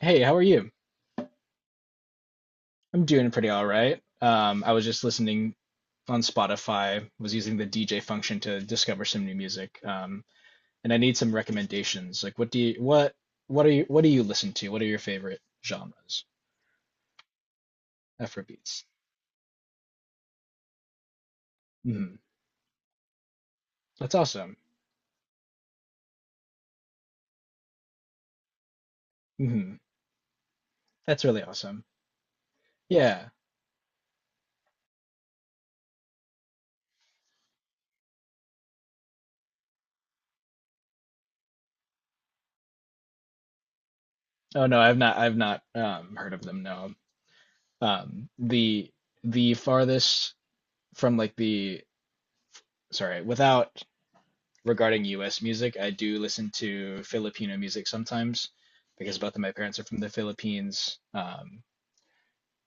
Hey, how are you? I'm doing pretty all right. I was just listening on Spotify, was using the DJ function to discover some new music. And I need some recommendations. Like what do you listen to? What are your favorite genres? Afrobeats. Mm-hmm. That's awesome. Mm-hmm. That's really awesome. Yeah. Oh no, I've not heard of them, no. Um the the farthest from like the sorry, without regarding US music, I do listen to Filipino music sometimes because both of my parents are from the Philippines.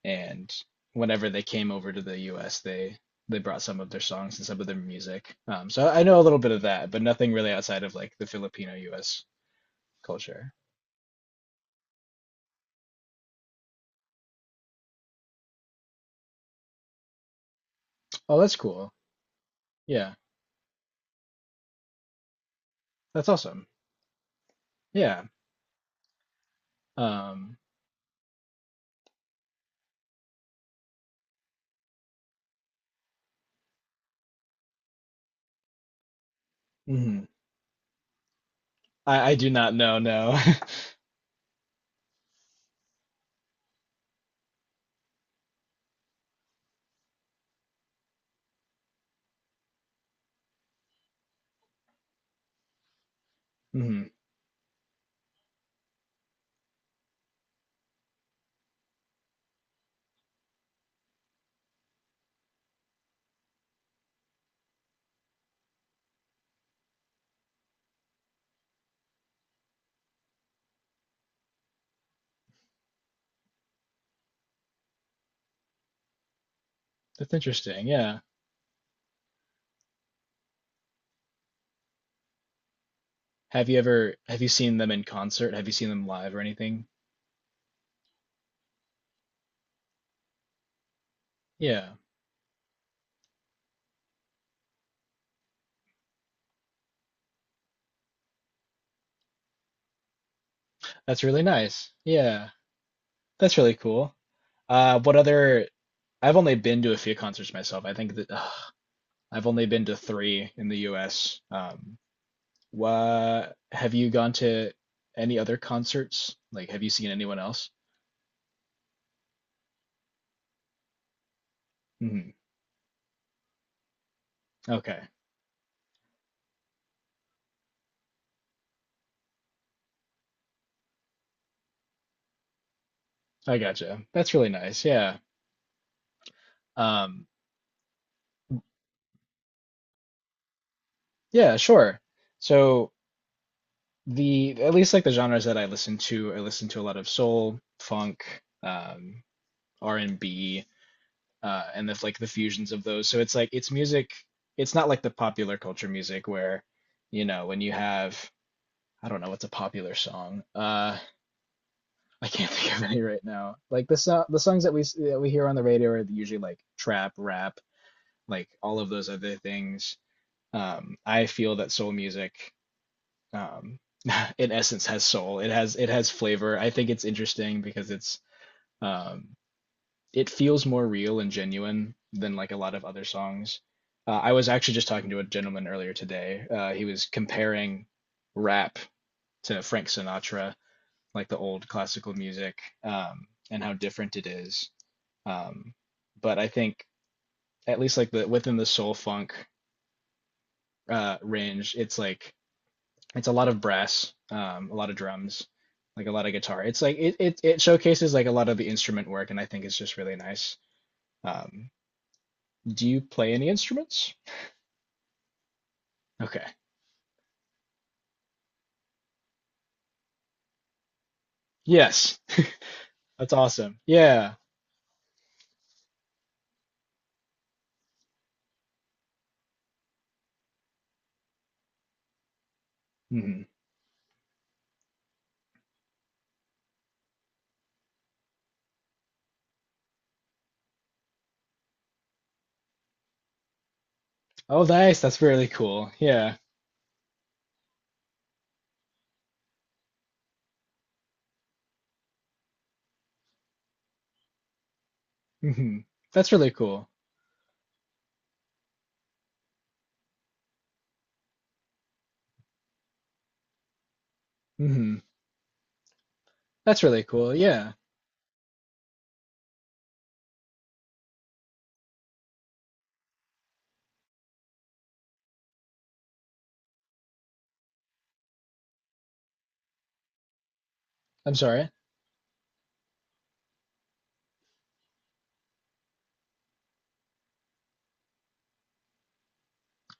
And whenever they came over to the US, they brought some of their songs and some of their music. So I know a little bit of that, but nothing really outside of like the Filipino US culture. Oh, that's cool. Yeah, that's awesome. Yeah. Um, mhm. I do not know, no. Hmm. That's interesting. Yeah. Have you seen them in concert? Have you seen them live or anything? Yeah. That's really nice. Yeah, that's really cool. What other? I've only been to a few concerts myself. I think I've only been to three in the US. What have you gone to any other concerts? Like, have you seen anyone else? Mhm. Okay, I gotcha. That's really nice. Yeah. Um, yeah, sure. So the at least like the genres that I listen to a lot of soul, funk, um, R&B, and that's like the fusions of those. So it's like it's music. It's not like the popular culture music where, when you have I don't know what's a popular song. I can't think of any right now. Like the songs that we hear on the radio are usually like trap, rap, like all of those other things. I feel that soul music, um, in essence, has soul. It has flavor. I think it's interesting because um, it feels more real and genuine than like a lot of other songs. I was actually just talking to a gentleman earlier today. He was comparing rap to Frank Sinatra, like the old classical music, and how different it is. Um, but I think at least like the within the soul funk, range, it's like it's a lot of brass, a lot of drums, like a lot of guitar. It's like it showcases like a lot of the instrument work, and I think it's just really nice. Um, do you play any instruments? Okay. Yes. That's awesome. Yeah. Hmm. Oh, nice. That's really cool. Yeah. Hmm. That's really cool. Hmm. That's really cool. Yeah. I'm sorry.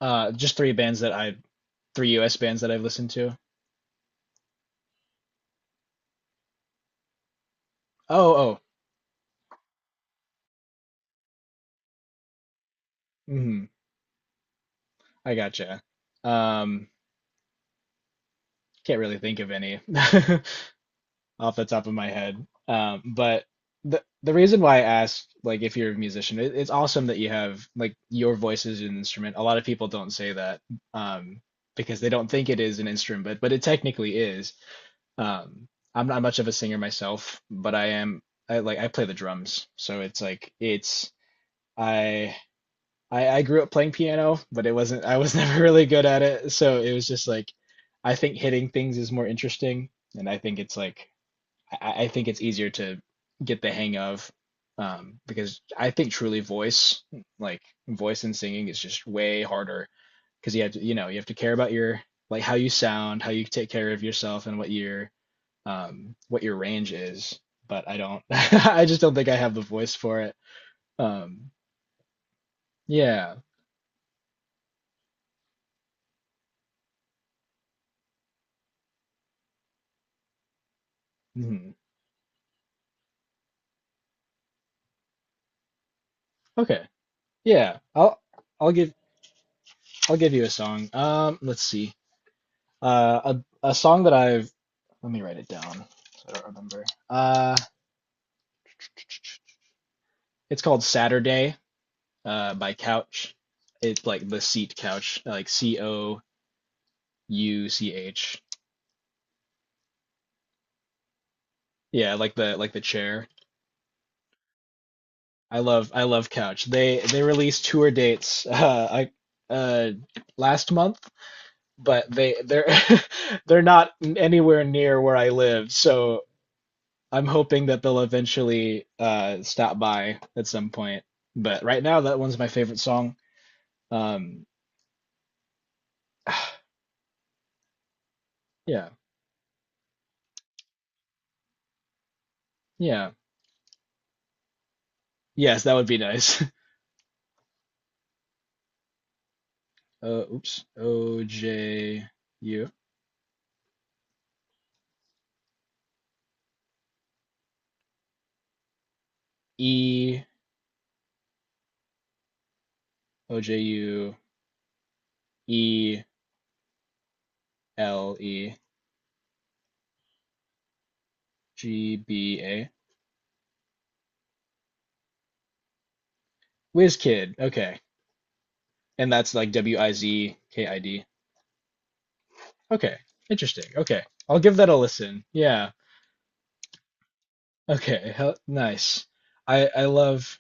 Just three US bands that I've listened to. Oh, oh. Hmm. I gotcha. Um, can't really think of any off the top of my head. But the reason why I asked, like, if you're a musician, it's awesome that you have like your voice is an instrument. A lot of people don't say that um, because they don't think it is an instrument, but it technically is. Um, I'm not much of a singer myself, but I am. I play the drums, so it's like it's I. I grew up playing piano, but it wasn't, I was never really good at it. So it was just like, I think hitting things is more interesting. And I think it's like, I think it's easier to get the hang of, because I think truly voice, like voice and singing, is just way harder because you have to care about your like how you sound, how you take care of yourself, and what your range is. But I don't, I just don't think I have the voice for it. Um, yeah. Hmm. Okay. Yeah. I'll give I'll give you a song. Let's see. Uh, a song that I've let me write it down. So I don't remember. Uh, It's called Saturday, by Couch. It's like the seat couch, like couch. Yeah, like the chair. I love Couch. They released tour dates uh, last month, but they're they're not anywhere near where I live. So I'm hoping that they'll eventually, stop by at some point. But right now, that one's my favorite song. Um, yeah, yeah, yes, that would be nice. Oops. U E Ojuelegba. WizKid. Okay. And that's like Wizkid. Okay. Interesting. Okay. I'll give that a listen. Yeah. Okay. Hell, nice. I love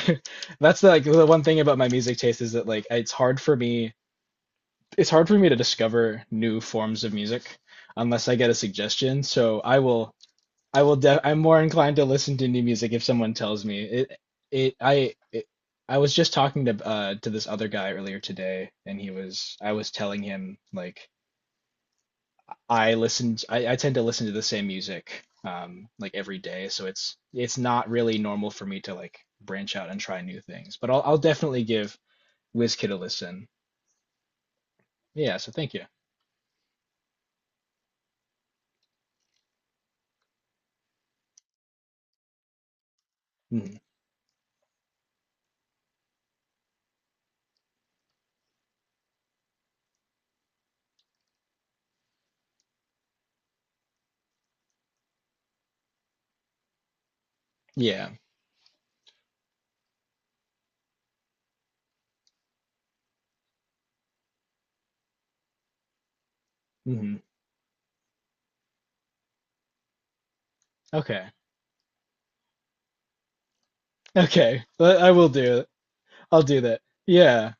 that's like the one thing about my music taste is that like it's hard for me to discover new forms of music unless I get a suggestion. So I will def I'm more inclined to listen to new music if someone tells me. It I it, I was just talking to this other guy earlier today and he was I was telling him like I tend to listen to the same music like every day so it's not really normal for me to like branch out and try new things but I'll definitely give WizKid a listen. Yeah, so thank you. Mhm. Yeah. Hmm. Okay. Okay. I will do it. I'll do that. Yeah.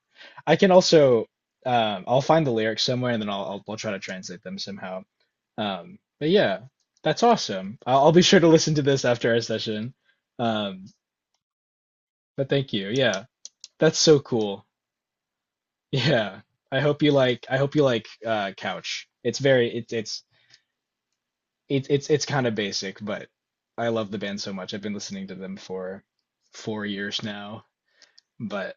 I can also, I'll find the lyrics somewhere and then I'll try to translate them somehow. But yeah, that's awesome. I'll be sure to listen to this after our session. Um but thank you. Yeah. That's so cool. Yeah. I hope you like I hope you like Couch. It's very, it's kind of basic, but I love the band so much. I've been listening to them for 4 years now. But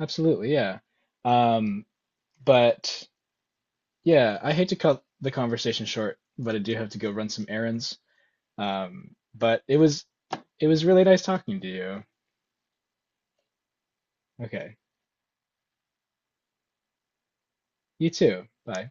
absolutely, yeah. Um but Yeah, I hate to cut the conversation short, but I do have to go run some errands. But it was really nice talking to you. Okay. You too. Bye.